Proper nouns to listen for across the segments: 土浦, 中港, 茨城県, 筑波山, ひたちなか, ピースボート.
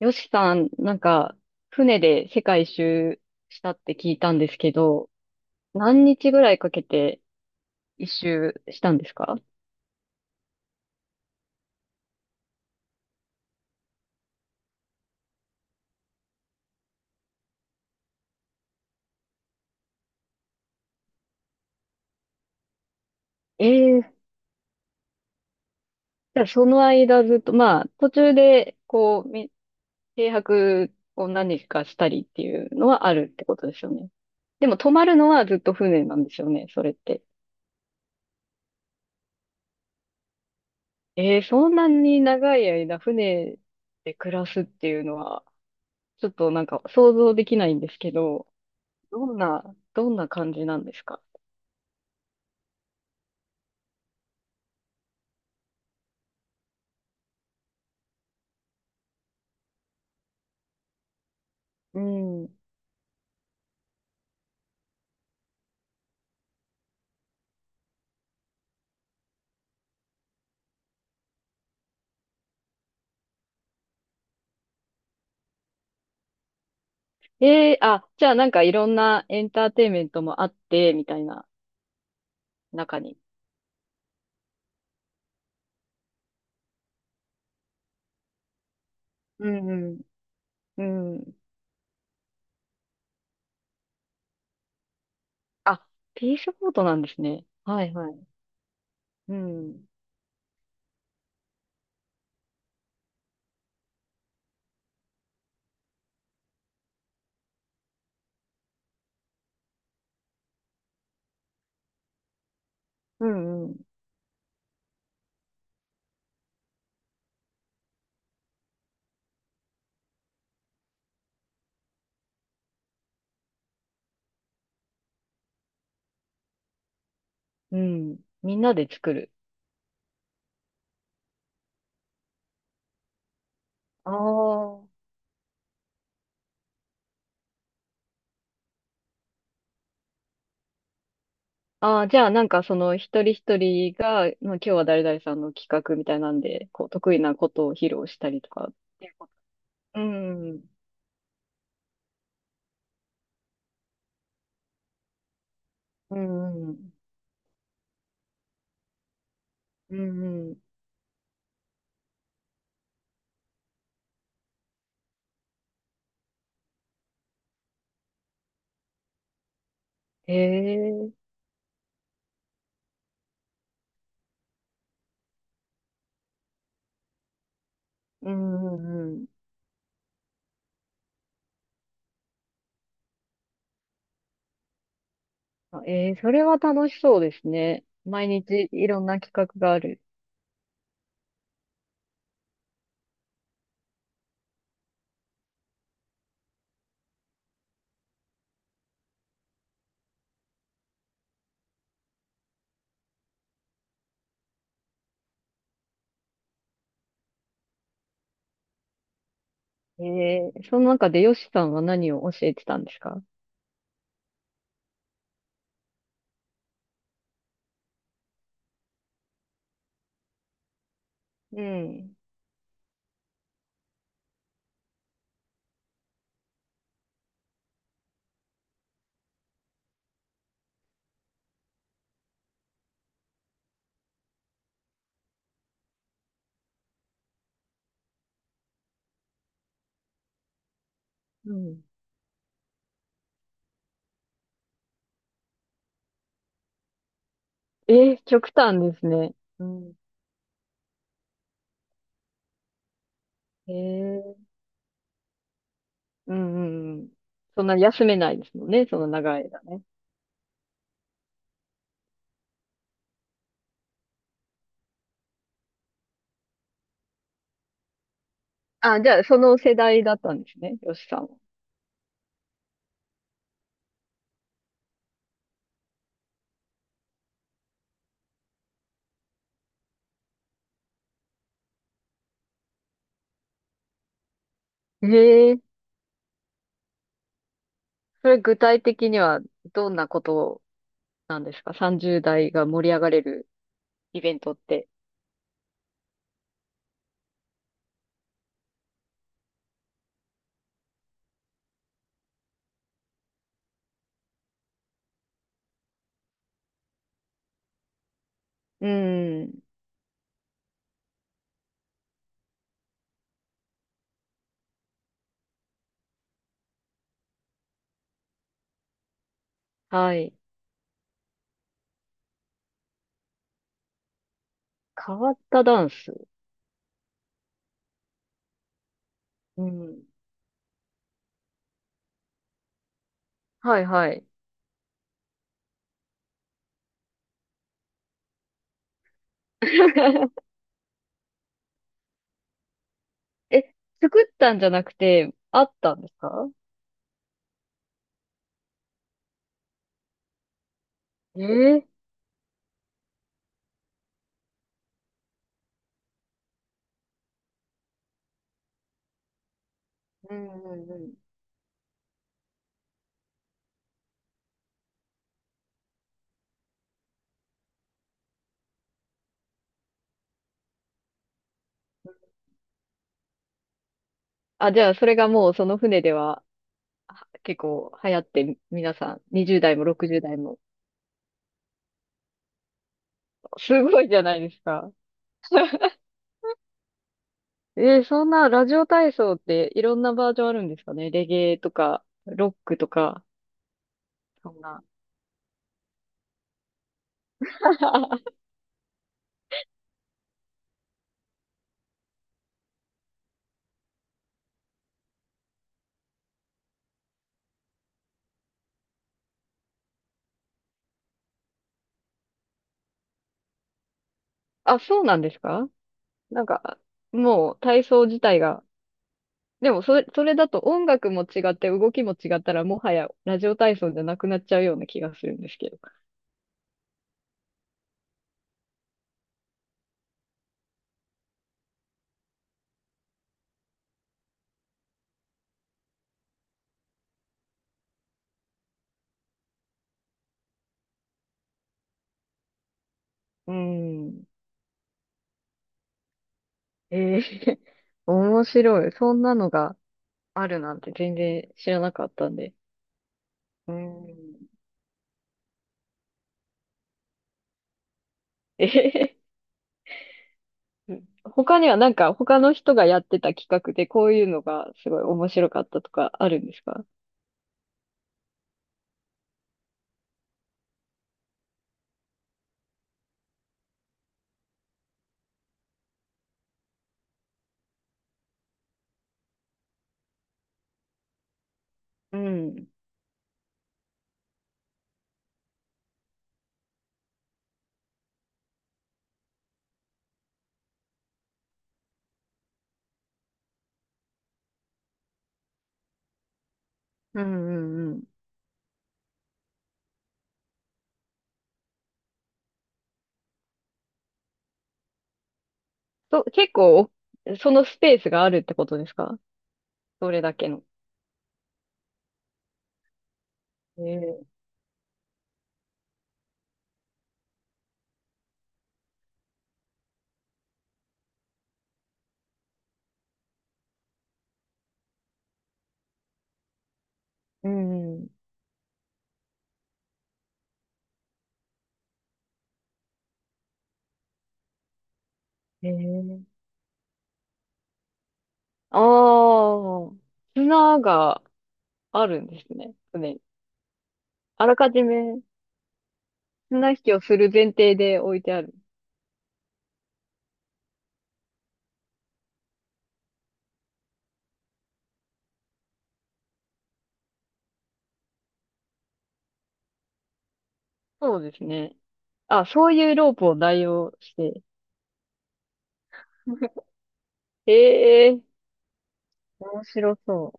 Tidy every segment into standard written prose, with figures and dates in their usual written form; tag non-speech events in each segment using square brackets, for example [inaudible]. よしさん、なんか、船で世界一周したって聞いたんですけど、何日ぐらいかけて一周したんですか？ええー。じゃあその間ずっと、まあ、途中で、こう、停泊を何日かしたりっていうのはあるってことですよね。でも泊まるのはずっと船なんですよね、それって。ええー、そんなに長い間船で暮らすっていうのは、ちょっとなんか想像できないんですけど、どんな、どんな感じなんですか？うん。あ、じゃあなんかいろんなエンターテインメントもあって、みたいな中に。うんうん。うん。あ、ピースボートなんですね。はいはい。うん。うんうん。うん。みんなで作る。ああ。ああ、じゃあなんかその一人一人が、まあ、今日は誰々さんの企画みたいなんで、こう得意なことを披露したりとかっていうこと。うん。うんうん。うんうん。へえ。うんうんうん。それは楽しそうですね。毎日いろんな企画がある。えその中でヨシさんは何を教えてたんですか？うん。うん。極端ですね。うん。えー、うんうんうん。そんな休めないですもんね、その長い間ね。あ、じゃあ、その世代だったんですね、ヨシさんは。えー、それ具体的にはどんなことなんですか？ 30 代が盛り上がれるイベントって。うん。はい。変わったダンス。うん。はいはい。[laughs] え、作ったんじゃなくて、あったんですか？えー、うんうんうん。あ、じゃあ、それがもうその船では結構流行って、皆さん、20代も60代も。すごいじゃないですか。そんなラジオ体操っていろんなバージョンあるんですかね、レゲエとか、ロックとか、そんな。[laughs] あ、そうなんですか？なんか、もう体操自体がでもそれだと音楽も違って動きも違ったらもはやラジオ体操じゃなくなっちゃうような気がするんですけど。うん。ええ [laughs] 面白い。そんなのがあるなんて全然知らなかったんで。うん。ええ [laughs] 他にはなんか他の人がやってた企画でこういうのがすごい面白かったとかあるんですか？うん。うんうんうん。と、結構、そのスペースがあるってことですか？それだけの。ええ、うんうん。ええ、ああ、砂があるんですね。船に。あらかじめ綱引きをする前提で置いてある。そうですね。あ、そういうロープを代用して。[laughs] ええ、面白そ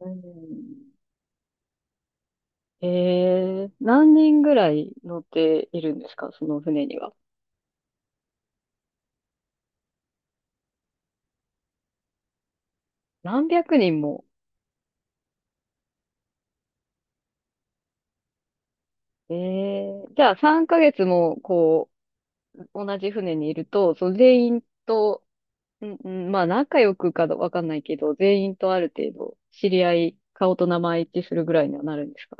う。うん、ええ、何人ぐらい乗っているんですか、その船には。何百人も。ええ、じゃあ3ヶ月も、こう、同じ船にいると、その全員と、うんうん、まあ、仲良くかどわかんないけど、全員とある程度、知り合い、顔と名前一致するぐらいにはなるんですか？